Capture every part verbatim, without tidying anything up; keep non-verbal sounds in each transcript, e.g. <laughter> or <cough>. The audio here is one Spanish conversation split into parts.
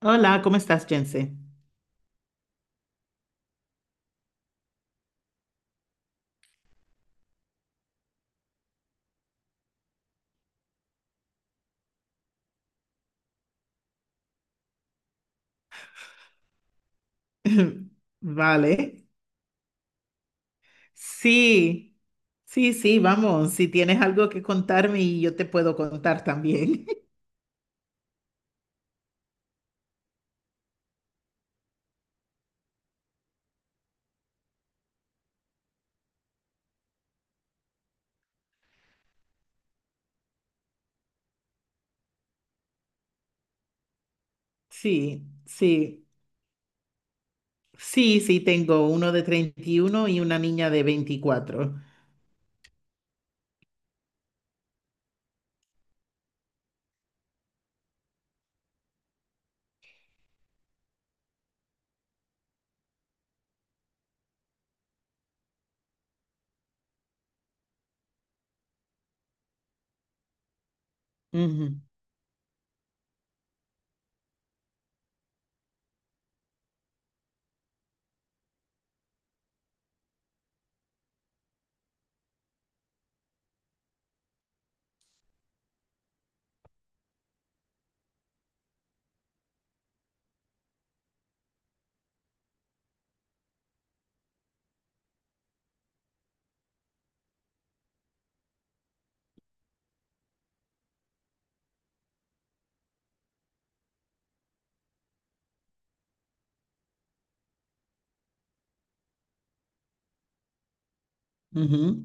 Hola, ¿cómo estás, Jense? <laughs> Vale. Sí, sí, sí, vamos. Si tienes algo que contarme y yo te puedo contar también. <laughs> Sí, sí, sí, sí, tengo uno de treinta y uno y una niña de veinticuatro. Ujú, ujú.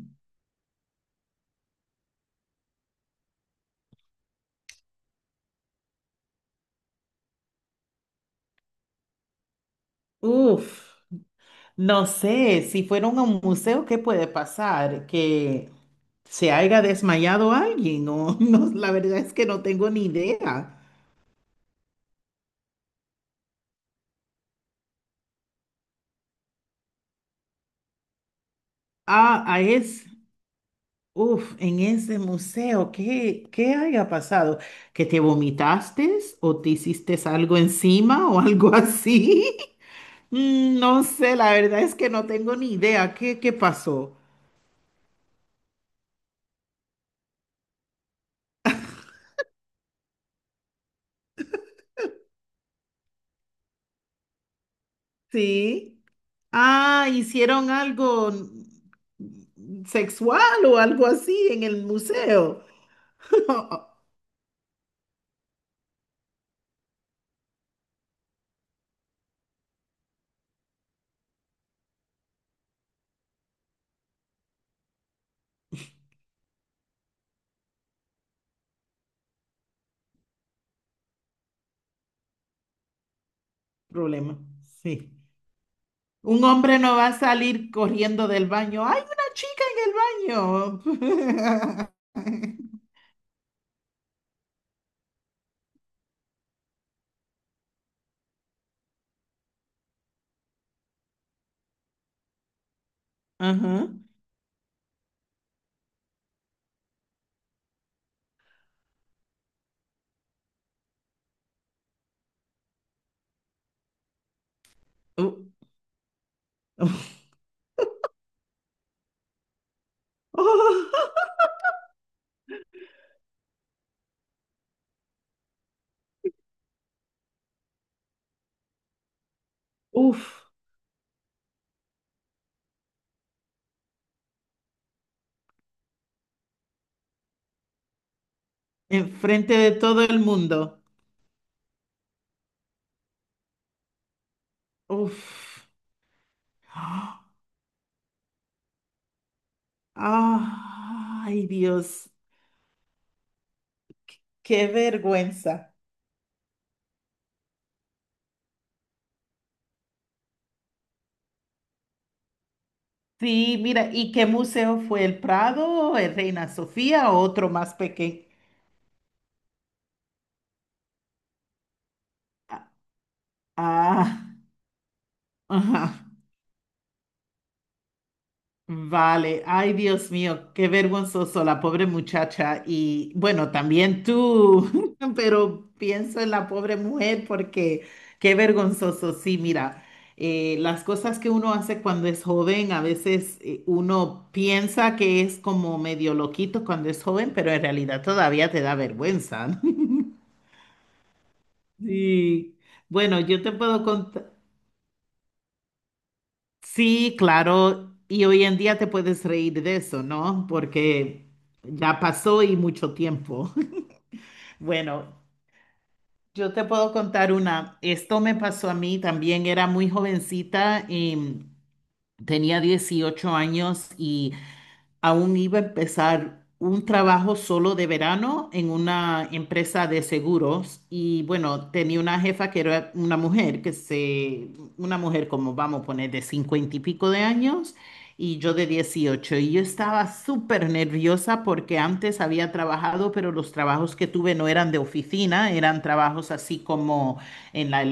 Uf, no sé, si fueron a un museo, ¿qué puede pasar? ¿Que se haya desmayado alguien? O <laughs> no, la verdad es que no tengo ni idea. Ah, ah, es Uf, en ese museo, ¿qué, qué haya pasado? ¿Que te vomitaste o te hiciste algo encima o algo así? <laughs> Mm, no sé, la verdad es que no tengo ni idea. ¿Qué, qué pasó? Sí. Ah, hicieron algo mm, sexual o algo así en el museo. <laughs> Problema, sí. Un hombre no va a salir corriendo del baño. ¡Hay una chica en el baño! <laughs> Ajá. Uh, uf, <laughs> uf, enfrente de todo el mundo. Uf. Ay, Dios, qué vergüenza. Sí, mira, ¿y qué museo fue? ¿El Prado, el Reina Sofía o otro más pequeño? Ah, ah, ajá. Vale, ay Dios mío, qué vergonzoso la pobre muchacha y bueno, también tú, <laughs> pero pienso en la pobre mujer porque qué vergonzoso, sí, mira, eh, las cosas que uno hace cuando es joven, a veces eh, uno piensa que es como medio loquito cuando es joven, pero en realidad todavía te da vergüenza. <laughs> Sí, bueno, yo te puedo contar. Sí, claro, y hoy en día te puedes reír de eso, ¿no? Porque ya pasó y mucho tiempo. <laughs> Bueno, yo te puedo contar una. Esto me pasó a mí, también era muy jovencita, y tenía dieciocho años y aún iba a empezar un trabajo solo de verano en una empresa de seguros y bueno, tenía una jefa que era una mujer, que se, una mujer como vamos a poner de cincuenta y pico de años y yo de dieciocho y yo estaba súper nerviosa porque antes había trabajado, pero los trabajos que tuve no eran de oficina, eran trabajos así como en la-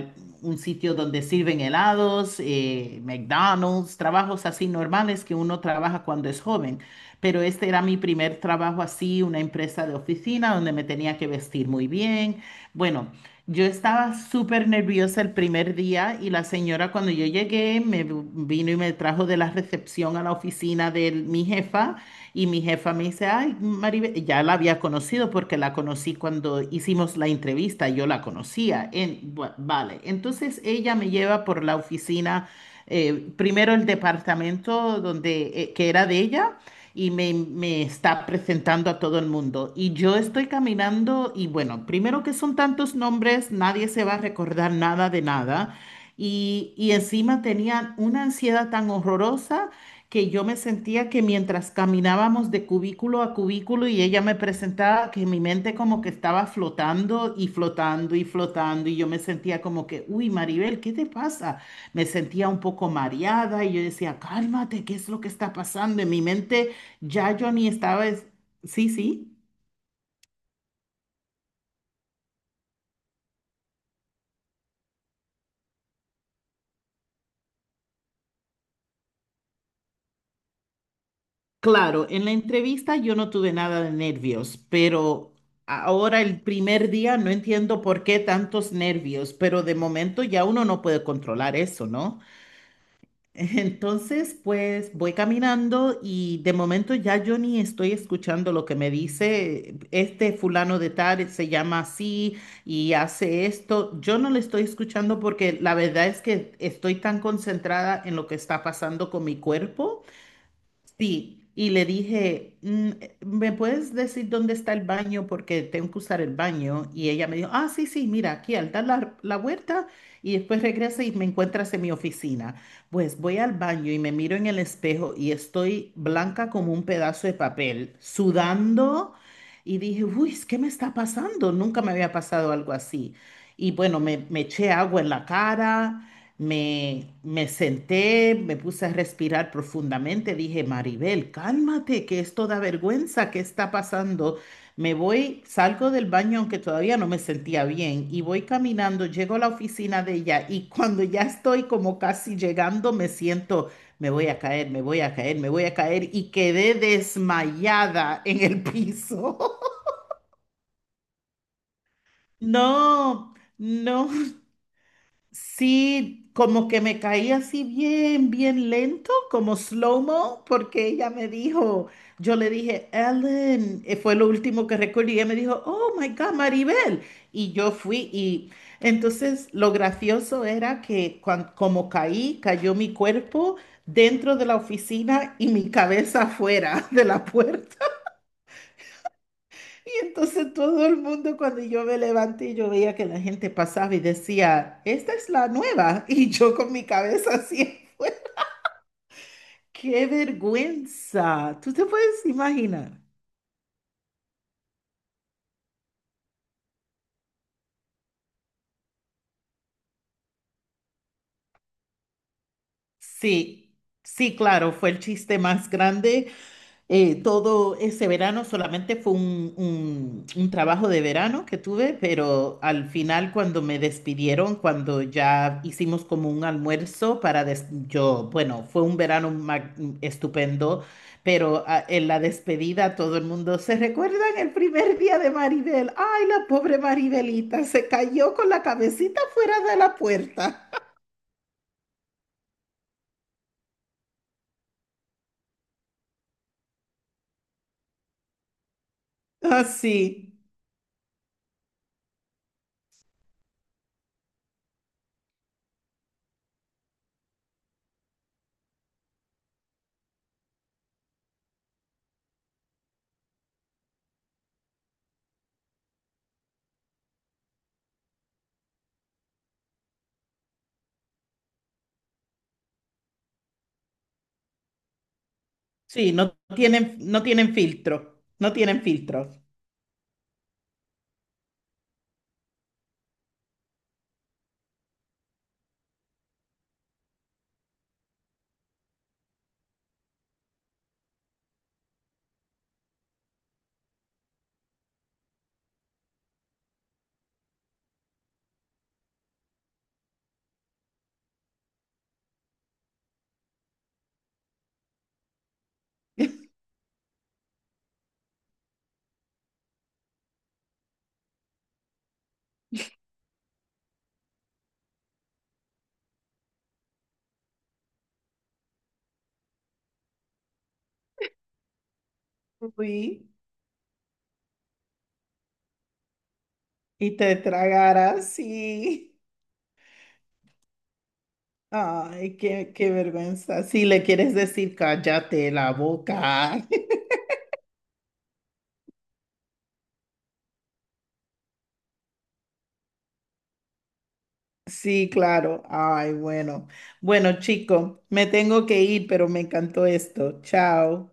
un sitio donde sirven helados, eh, McDonald's, trabajos así normales que uno trabaja cuando es joven. Pero este era mi primer trabajo así, una empresa de oficina donde me tenía que vestir muy bien. Bueno, yo estaba súper nerviosa el primer día y la señora cuando yo llegué me v- vino y me trajo de la recepción a la oficina de mi jefa y mi jefa me dice, ay, Maribel, ya la había conocido porque la conocí cuando hicimos la entrevista, yo la conocía. En, bu- vale, entonces ella me lleva por la oficina eh, primero el departamento donde, eh, que era de ella y me, me está presentando a todo el mundo. Y yo estoy caminando y bueno, primero que son tantos nombres, nadie se va a recordar nada de nada. Y, y encima tenían una ansiedad tan horrorosa que yo me sentía que mientras caminábamos de cubículo a cubículo y ella me presentaba, que mi mente como que estaba flotando y flotando y flotando y yo me sentía como que, uy, Maribel, ¿qué te pasa? Me sentía un poco mareada y yo decía, cálmate, ¿qué es lo que está pasando? En mi mente ya yo ni estaba, es- sí, sí. Claro, en la entrevista yo no tuve nada de nervios, pero ahora el primer día no entiendo por qué tantos nervios, pero de momento ya uno no puede controlar eso, ¿no? Entonces, pues voy caminando y de momento ya yo ni estoy escuchando lo que me dice este fulano de tal, se llama así y hace esto. Yo no le estoy escuchando porque la verdad es que estoy tan concentrada en lo que está pasando con mi cuerpo. Sí, y le dije, "Mm, eh, ¿me puedes decir dónde está el baño? Porque tengo que usar el baño." Y ella me dijo, ah, sí, sí, mira, aquí al dar la, la vuelta y después regresa y me encuentras en mi oficina. Pues voy al baño y me miro en el espejo y estoy blanca como un pedazo de papel, sudando. Y dije, uy, ¿qué me está pasando? Nunca me había pasado algo así. Y bueno, me, me eché agua en la cara. Me, me senté, me puse a respirar profundamente, dije, Maribel, cálmate, que esto da vergüenza, ¿qué está pasando? Me voy, salgo del baño, aunque todavía no me sentía bien, y voy caminando, llego a la oficina de ella, y cuando ya estoy como casi llegando, me siento, me voy a caer, me voy a caer, me voy a caer, y quedé desmayada en el piso. <laughs> No, no. Sí, como que me caí así bien, bien lento, como slow-mo, porque ella me dijo, yo le dije, Ellen, eh, fue lo último que recordé, y ella me dijo, oh my God, Maribel. Y yo fui, y entonces lo gracioso era que cuan- como caí, cayó mi cuerpo dentro de la oficina y mi cabeza afuera <laughs> de la puerta. Y entonces todo el mundo cuando yo me levanté, yo veía que la gente pasaba y decía, esta es la nueva. <laughs> Y yo con mi cabeza así, qué vergüenza. ¿Tú te puedes imaginar? Sí, sí, claro, fue el chiste más grande. Eh, todo ese verano solamente fue un, un- un trabajo de verano que tuve, pero al final cuando me despidieron, cuando ya hicimos como un almuerzo para des- yo, bueno, fue un verano mag- estupendo, pero ah, en la despedida todo el mundo se recuerdan el primer día de Maribel. Ay, la pobre Maribelita se cayó con la cabecita fuera de la puerta. Así, sí, sí, no tienen, no tienen filtro, no tienen filtro. Uy. Y te tragara, sí. Ay, qué, qué vergüenza. Si le quieres decir, cállate la boca. <laughs> Sí, claro. Ay, bueno. Bueno, chico, me tengo que ir, pero me encantó esto. Chao.